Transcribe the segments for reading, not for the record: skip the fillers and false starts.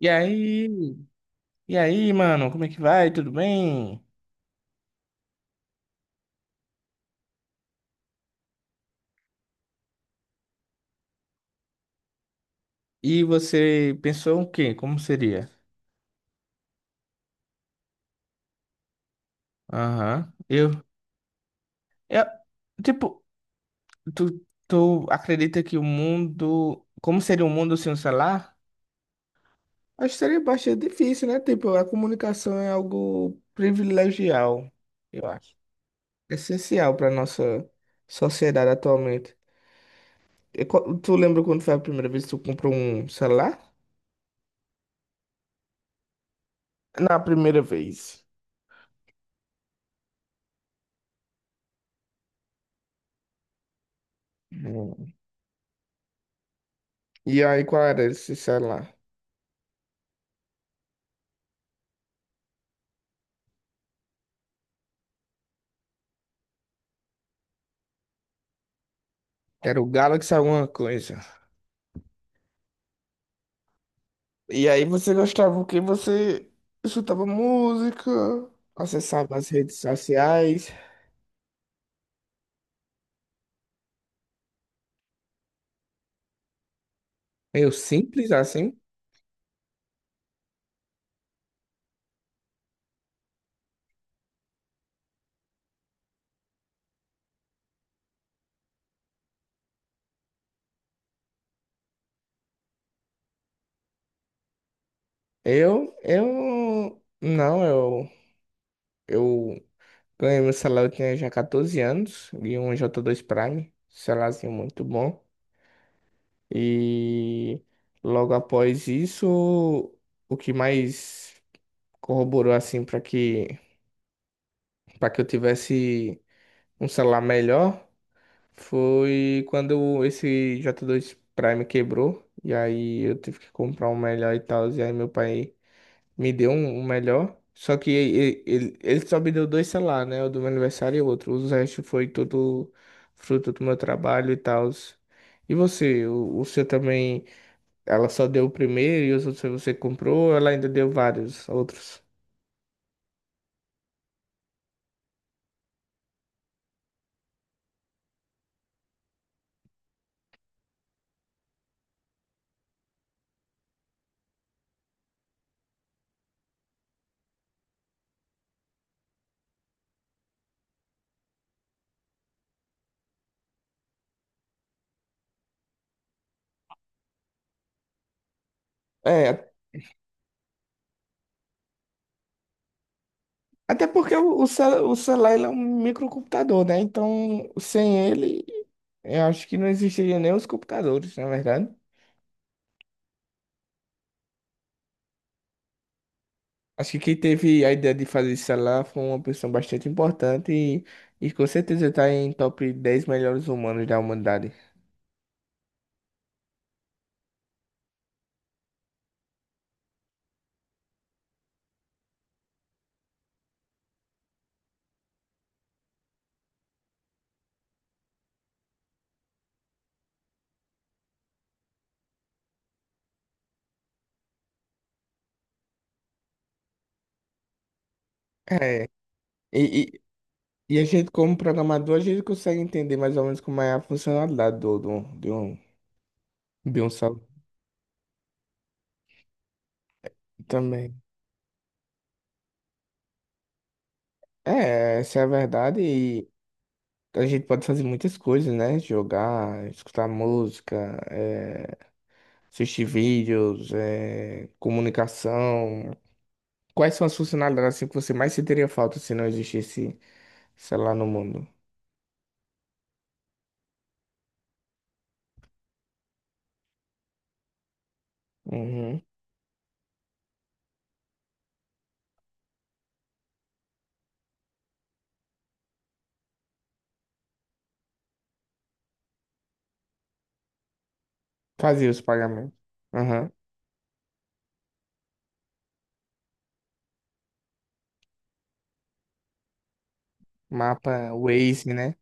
E aí, mano, como é que vai? Tudo bem? E você pensou o quê? Como seria? Aham. Eu, tipo, tu acredita que o mundo, como seria um mundo sem o celular? Acho que seria bastante difícil, né? Tipo, a comunicação é algo privilegial, eu acho. Essencial para nossa sociedade atualmente. E, qual- tu lembra quando foi a primeira vez que tu comprou um celular? Na primeira vez. E aí, qual era esse celular? Era o Galaxy alguma coisa. E aí você gostava que você escutava música, acessava as redes sociais. Eu simples assim. Eu, não, eu ganhei meu celular, eu tinha já 14 anos, e um J2 Prime, celularzinho muito bom. E logo após isso, o que mais corroborou assim para que eu tivesse um celular melhor foi quando esse J2 Prime quebrou. E aí eu tive que comprar um melhor e tal. E aí meu pai me deu um melhor. Só que ele só me deu dois celulares, né? O do meu aniversário e o outro. Os restos foi tudo fruto do meu trabalho e tal. E você? O seu também? Ela só deu o primeiro e os outros você comprou, ou ela ainda deu vários outros? É, até porque o celular ele é um microcomputador, né? Então, sem ele, eu acho que não existiria nem os computadores, na verdade. Acho que quem teve a ideia de fazer esse celular foi uma pessoa bastante importante e com certeza está em top 10 melhores humanos da humanidade. É, e, e, e a gente, como programador, a gente consegue entender mais ou menos como é a funcionalidade de um celular também. É, essa é a verdade e a gente pode fazer muitas coisas, né? Jogar, escutar música, é, assistir vídeos, é, comunicação. Quais são as funcionalidades assim, que você mais sentiria falta se não existisse celular no mundo? Uhum. Fazia os pagamentos. Uhum. Mapa, Waze, né?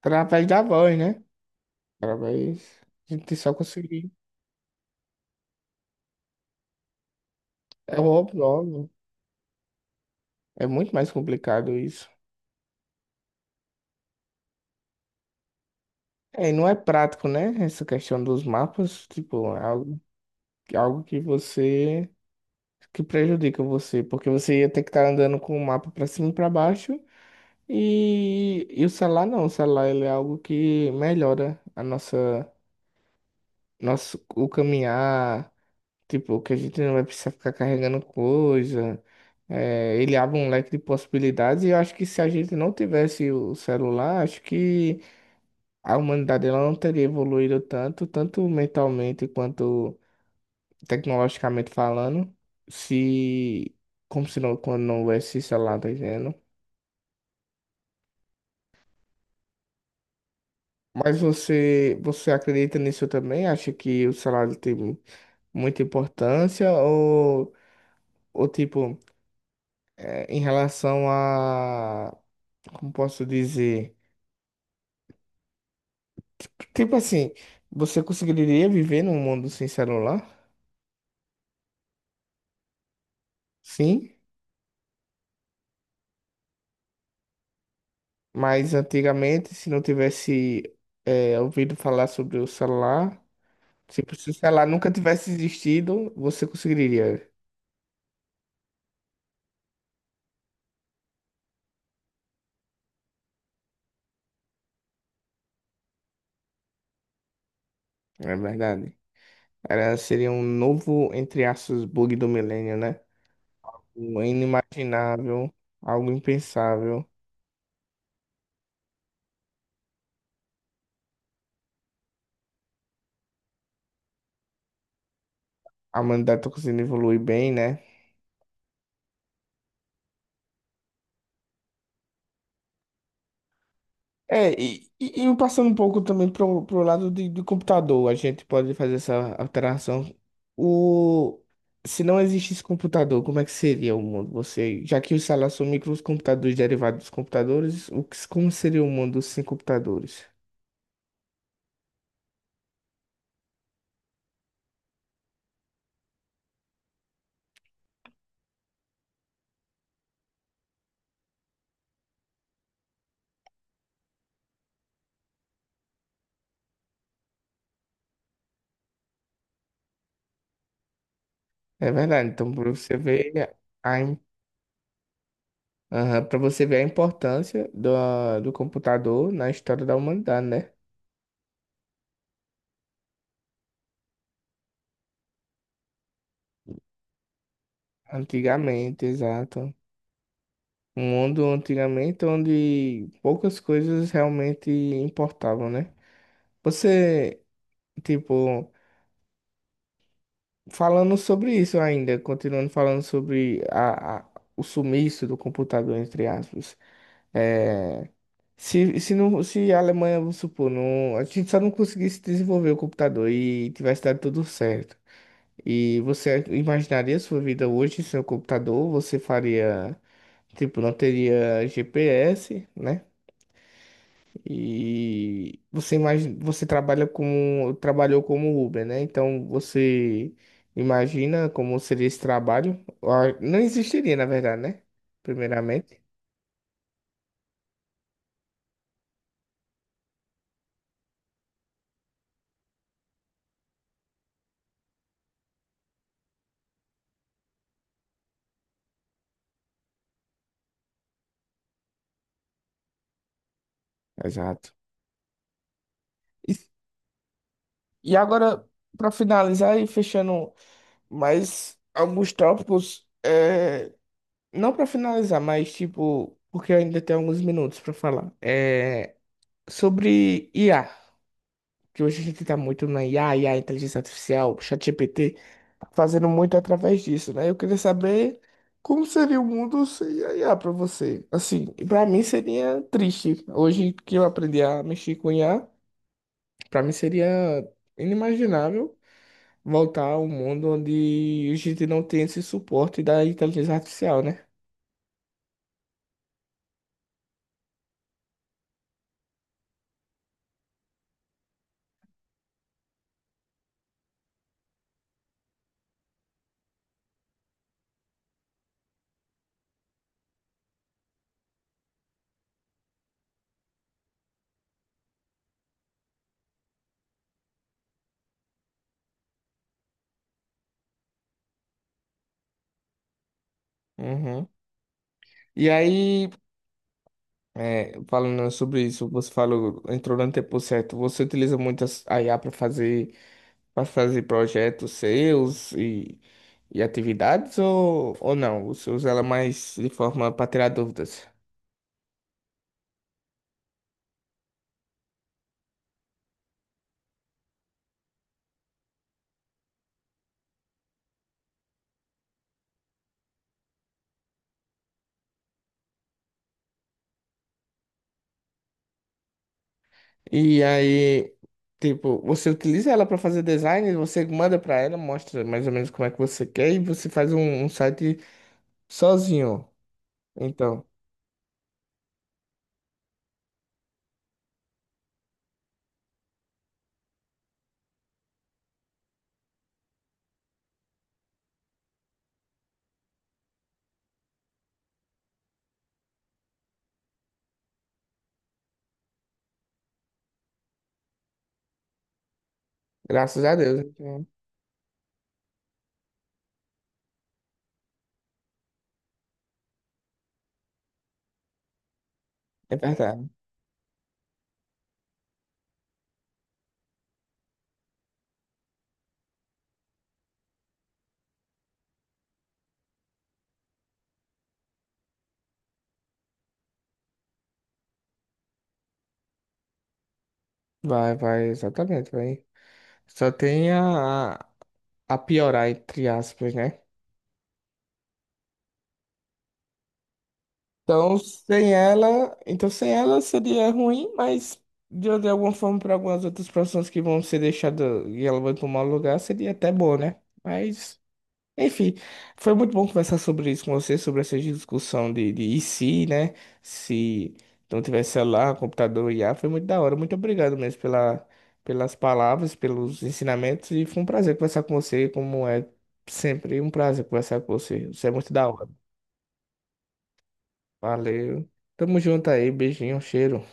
Através da voz, né? Através. A gente só conseguir. É óbvio, óbvio. É muito mais complicado isso. É, e não é prático, né? Essa questão dos mapas, tipo, é algo que você, que prejudica você, porque você ia ter que estar andando com o mapa pra cima e pra baixo. E o celular não, o celular ele é algo que melhora a nossa, nosso, o caminhar, tipo, que a gente não vai precisar ficar carregando coisa, é, ele abre um leque de possibilidades e eu acho que se a gente não tivesse o celular, acho que a humanidade ela não teria evoluído tanto, tanto mentalmente quanto tecnologicamente falando, se, como se não, quando não houvesse celular, tá entendendo? Mas você, você acredita nisso também? Acha que o salário tem muita importância? Ou tipo, é, em relação a, como posso dizer? Tipo assim, você conseguiria viver num mundo sem celular? Sim, mas antigamente, se não tivesse, é, ouvido falar sobre o celular, tipo, se o celular nunca tivesse existido, você conseguiria, não é verdade? Era, seria um novo, entre aspas, bug do milênio, né? O inimaginável, algo impensável. A humanidade está conseguindo evoluir bem, né? E passando um pouco também pro, pro lado de, do computador, a gente pode fazer essa alteração. O, se não existisse computador, como é que seria o mundo? Você, já que os salários são microcomputadores derivados dos computadores, o que, como seria o mundo sem computadores? É verdade, então para você ver a, para você ver a importância do computador na história da humanidade, né? Antigamente, exato. Um mundo antigamente onde poucas coisas realmente importavam, né? Você, tipo, falando sobre isso ainda, continuando falando sobre o sumiço do computador, entre aspas. É, se a Alemanha, vamos supor, não, a gente só não conseguisse desenvolver o computador e tivesse dado tudo certo. E você imaginaria sua vida hoje sem o computador? Você faria. Tipo, não teria GPS, né? E você imagina, você trabalha como, trabalhou como Uber, né? Então você imagina como seria esse trabalho? Ah, não existiria, na verdade, né? Primeiramente. Exato. E, e agora, para finalizar e fechando mais alguns tópicos, é, não para finalizar, mas tipo, porque eu ainda tenho alguns minutos para falar, é sobre IA. Que hoje a gente tá muito na IA, inteligência artificial, ChatGPT, tá fazendo muito através disso, né? Eu queria saber como seria o mundo sem a IA para você. Assim, e para mim seria triste. Hoje que eu aprendi a mexer com IA, para mim seria inimaginável voltar ao mundo onde a gente não tem esse suporte da inteligência artificial, né? Uhum. E aí, é, falando sobre isso, você falou, entrou no tempo certo, você utiliza muito a IA para fazer projetos seus e atividades ou não? Você usa ela mais de forma para tirar dúvidas. E aí, tipo, você utiliza ela para fazer design, você manda para ela, mostra mais ou menos como é que você quer e você faz um site sozinho. Então, graças a Deus. Então, é verdade. Vai, vai, exatamente, vai. Só tem a piorar, entre aspas, né? Então sem ela seria ruim, mas de alguma forma para algumas outras profissões que vão ser deixadas e ela vai tomar o lugar, seria até bom, né? Mas, enfim, foi muito bom conversar sobre isso com você, sobre essa discussão de e se, né? Se não tiver celular, computador, IA, foi muito da hora. Muito obrigado mesmo pela, pelas palavras, pelos ensinamentos e foi um prazer conversar com você, como é sempre um prazer conversar com você. Você é muito da hora. Valeu. Tamo junto aí. Beijinho, cheiro.